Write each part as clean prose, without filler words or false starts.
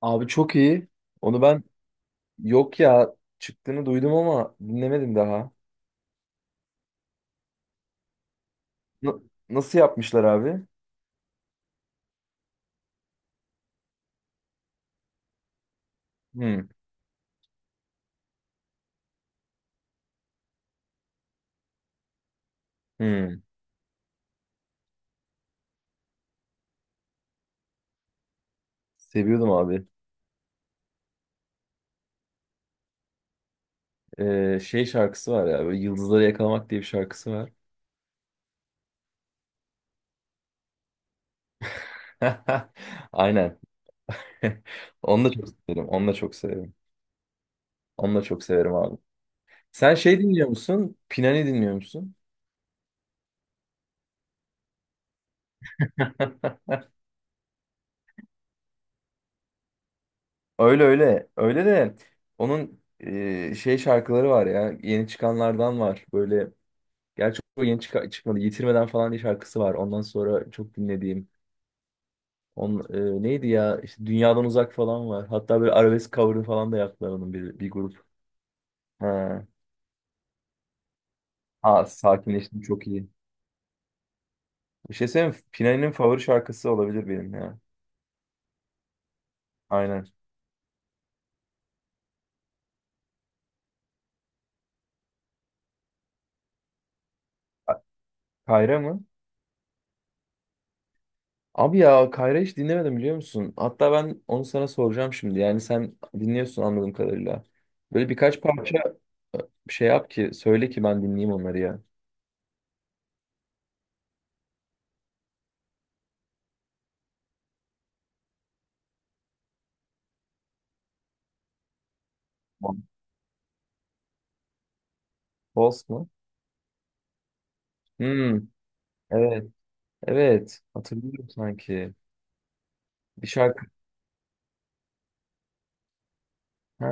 Abi çok iyi. Onu ben yok ya çıktığını duydum ama dinlemedim daha. Na- nasıl yapmışlar abi? Hmm, hmm. Seviyordum abi. Şey şarkısı var ya. Böyle Yıldızları Yakalamak diye bir şarkısı var. Aynen. Onu da çok severim. Onu da çok severim. Onu da çok severim abi. Sen şey dinliyor musun? Pinani dinliyor musun? Öyle öyle. Öyle de onun şey şarkıları var ya. Yeni çıkanlardan var. Böyle. Gerçi o yeni çıkmadı. Yitirmeden falan diye şarkısı var. Ondan sonra çok dinlediğim. On, Neydi ya? İşte Dünyadan Uzak falan var. Hatta böyle arabesk cover'ı falan da yaptılar onun bir grup. Ha. Aa, sakinleştim çok iyi. Bir şey söyleyeyim mi? Pinay'ın favori şarkısı olabilir benim ya. Aynen. Ka- Kayra mı? Abi ya Kayra hiç dinlemedim biliyor musun? Hatta ben onu sana soracağım şimdi. Yani sen dinliyorsun anladığım kadarıyla. Böyle birkaç parça e, şey yap ki söyle ki ben dinleyeyim onları ya. Boss mu? Hmm. Evet, evet. Hatırlıyorum sanki. Bir şarkı. Ha,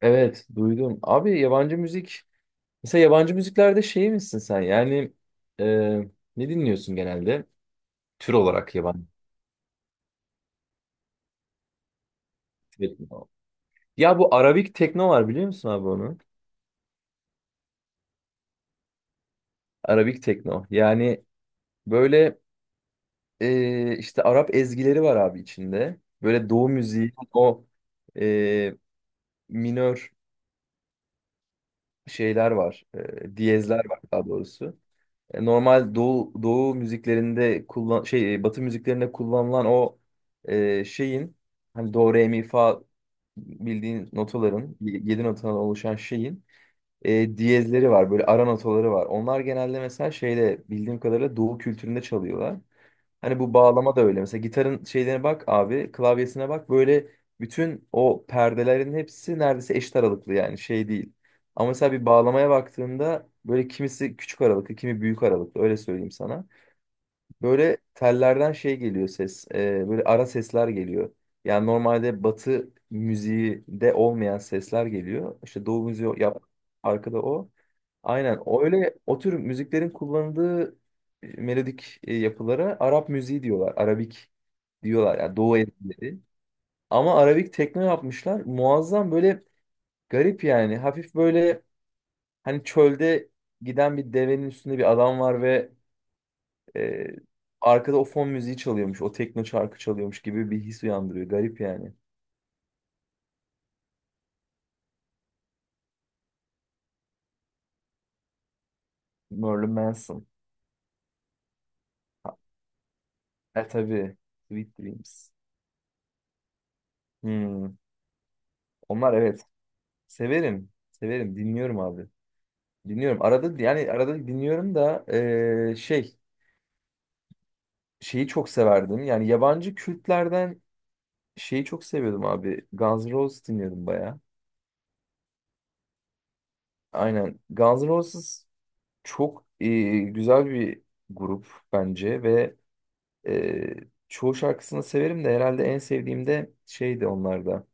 evet, duydum. Abi yabancı müzik. Mesela yabancı müziklerde şey misin sen? Yani e, ne dinliyorsun genelde? Tür olarak yabancı. Tekno. Ya bu Arabik tekno var biliyor musun abi onu? Arabik tekno. Yani böyle işte Arap ezgileri var abi içinde. Böyle Doğu müziği o e, minör şeyler var. Diyezler var daha doğrusu. Normal doğu müziklerinde şey batı müziklerinde kullanılan o şeyin hani do re mi fa bildiğin notaların yedi notadan oluşan şeyin diyezleri var böyle ara notaları var. Onlar genelde mesela şeyde bildiğim kadarıyla doğu kültüründe çalıyorlar. Hani bu bağlama da öyle. Mesela gitarın şeylerine bak abi, klavyesine bak. Böyle bütün o perdelerin hepsi neredeyse eşit aralıklı yani şey değil. Ama mesela bir bağlamaya baktığında böyle kimisi küçük aralıklı, kimi büyük aralıklı öyle söyleyeyim sana. Böyle tellerden şey geliyor ses, böyle ara sesler geliyor. Yani normalde batı müziği de olmayan sesler geliyor. İşte doğu müziği yap, arkada o. Aynen. O öyle o tür müziklerin kullanıldığı melodik yapılara Arap müziği diyorlar. Arabik diyorlar yani Doğu etkileri. Ama Arabik tekno yapmışlar. Muazzam böyle garip yani. Hafif böyle hani çölde giden bir devenin üstünde bir adam var ve e, arkada o fon müziği çalıyormuş. O tekno şarkı çalıyormuş gibi bir his uyandırıyor. Garip yani. Marilyn Manson. E tabii. Sweet Dreams. Hmm. Onlar evet. Severim. Severim. Dinliyorum abi. Dinliyorum. Arada yani arada dinliyorum da şey şeyi çok severdim. Yani yabancı kültlerden şeyi çok seviyordum abi. Guns N' Roses dinliyordum baya. Aynen. Guns N' Roses çok güzel bir grup bence ve eee, çoğu şarkısını severim de herhalde en sevdiğim de şeydi onlarda.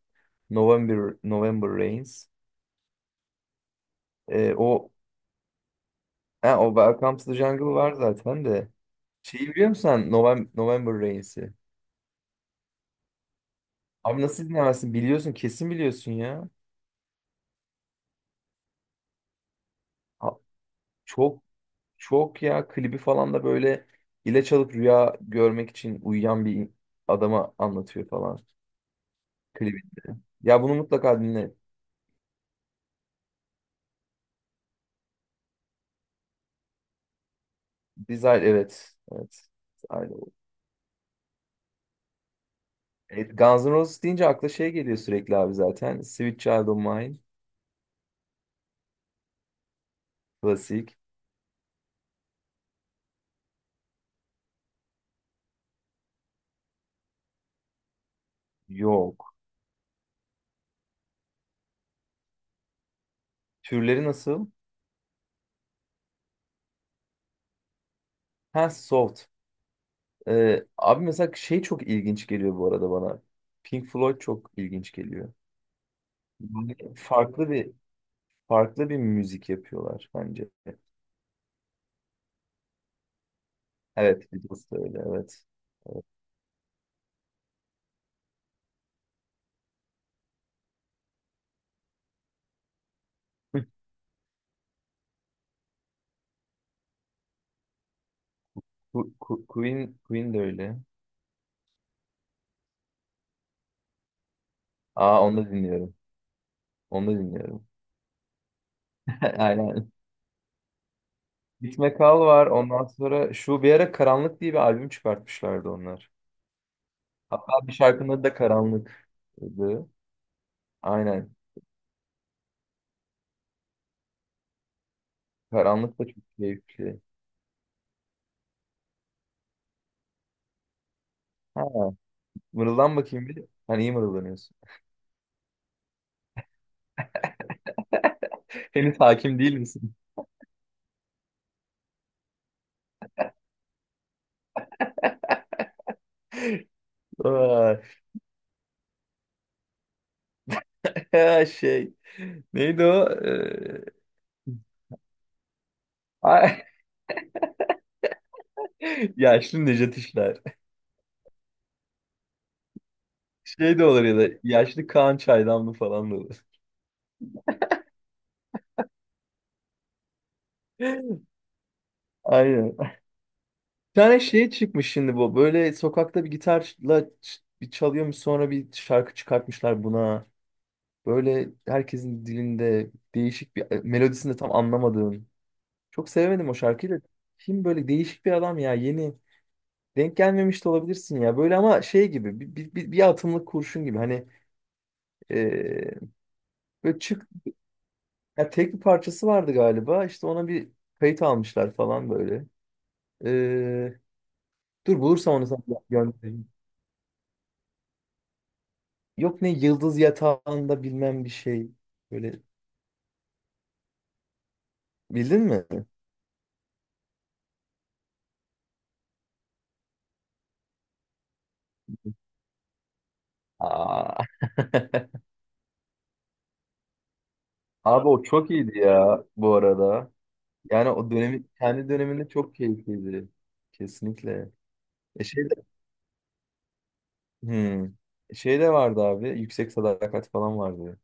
November Rains. O ha, o Welcome to the Jungle var zaten de. Şeyi biliyor musun sen? November Rains'i. Abi nasıl dinlemezsin? Biliyorsun kesin biliyorsun ya. A- Çok çok ya klibi falan da böyle ilaç alıp rüya görmek için uyuyan bir adama anlatıyor falan klibi. Ya bunu mutlaka dinle. Desire evet. Evet. Desire. Evet, Guns N' Roses deyince akla şey geliyor sürekli abi zaten. Sweet Child O' Mine. Klasik. Yok. Türleri nasıl? Ha, soft. Abi mesela şey çok ilginç geliyor bu arada bana. Pink Floyd çok ilginç geliyor. Yani farklı bir müzik yapıyorlar bence. Evet, Beatles da öyle, evet. Queen de öyle. Aa, onu da dinliyorum. Onu da dinliyorum. Aynen. Git Kal var. Ondan sonra şu bir ara Karanlık diye bir albüm çıkartmışlardı onlar. Hatta bir şarkının adı da Karanlık'tı. Aynen. Karanlık da çok keyifli. Ha, mırıldan bakayım bir. Hani iyi mırıldanıyorsun. Henüz hakim değil misin? Vay. Şey. Neydi o? Ay, yaşlı Nejat İşler. Şey de olur ya da yaşlı Kaan Çaydanlı falan da olur. Aynen. Bir tane şey çıkmış şimdi bu. Böyle sokakta bir gitarla bir çalıyormuş sonra bir şarkı çıkartmışlar buna. Böyle herkesin dilinde değişik bir melodisini de tam anlamadığım. Çok sevemedim o şarkıyı da. Kim böyle değişik bir adam ya yeni. Denk gelmemiş de olabilirsin ya. Böyle ama şey gibi bir atımlık kurşun gibi. Hani e, böyle çık ya tek bir parçası vardı galiba. İşte ona bir kayıt almışlar falan böyle. Ee, dur bulursam onu sana göndereyim. Yok ne yıldız yatağında bilmem bir şey. Böyle bildin mi? Aa. Abi o çok iyiydi ya bu arada. Yani o dönemi kendi döneminde çok keyifliydi. Kesinlikle. Şey de, hmm. Şey de vardı abi. Yüksek Sadakat falan vardı.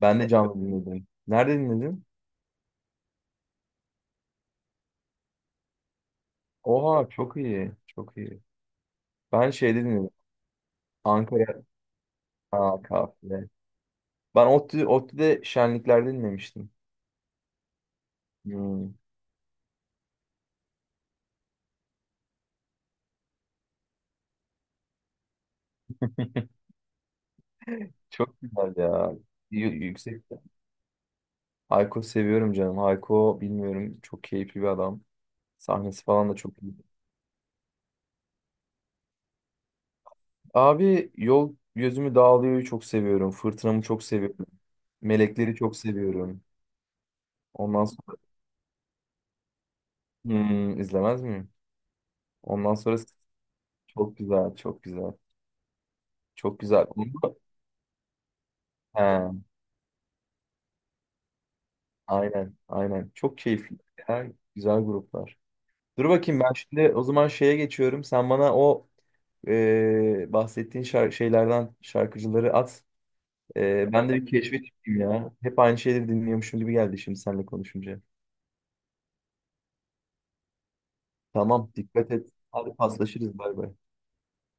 Ben de canlı dinledim. Nerede dinledin? Oha çok iyi. Çok iyi. Ben şeyde dinledim. Ankara. Aa, kahve. Ben ODTÜ'de şenliklerde dinlemiştim. Hmm, çok güzel ya. Yüksek. Hayko seviyorum canım. Hayko bilmiyorum. Çok keyifli bir adam. Sahnesi falan da çok iyi. Abi Yol Gözümü Dağılıyor'yu çok seviyorum. Fırtınamı çok seviyorum. Melekleri çok seviyorum. Ondan sonra. Hmm, izlemez miyim? Ondan sonra çok güzel, çok güzel. Çok güzel. He, aynen, aynen. Çok keyifli. Ya, güzel gruplar. Dur bakayım ben şimdi o zaman şeye geçiyorum. Sen bana o bahsettiğin şeylerden şarkıcıları at. Ben de bir keşfe çıkayım ya. Hep aynı şeyleri dinliyormuşum gibi geldi şimdi seninle konuşunca. Tamam, dikkat et. Hadi paslaşırız. Bay bay.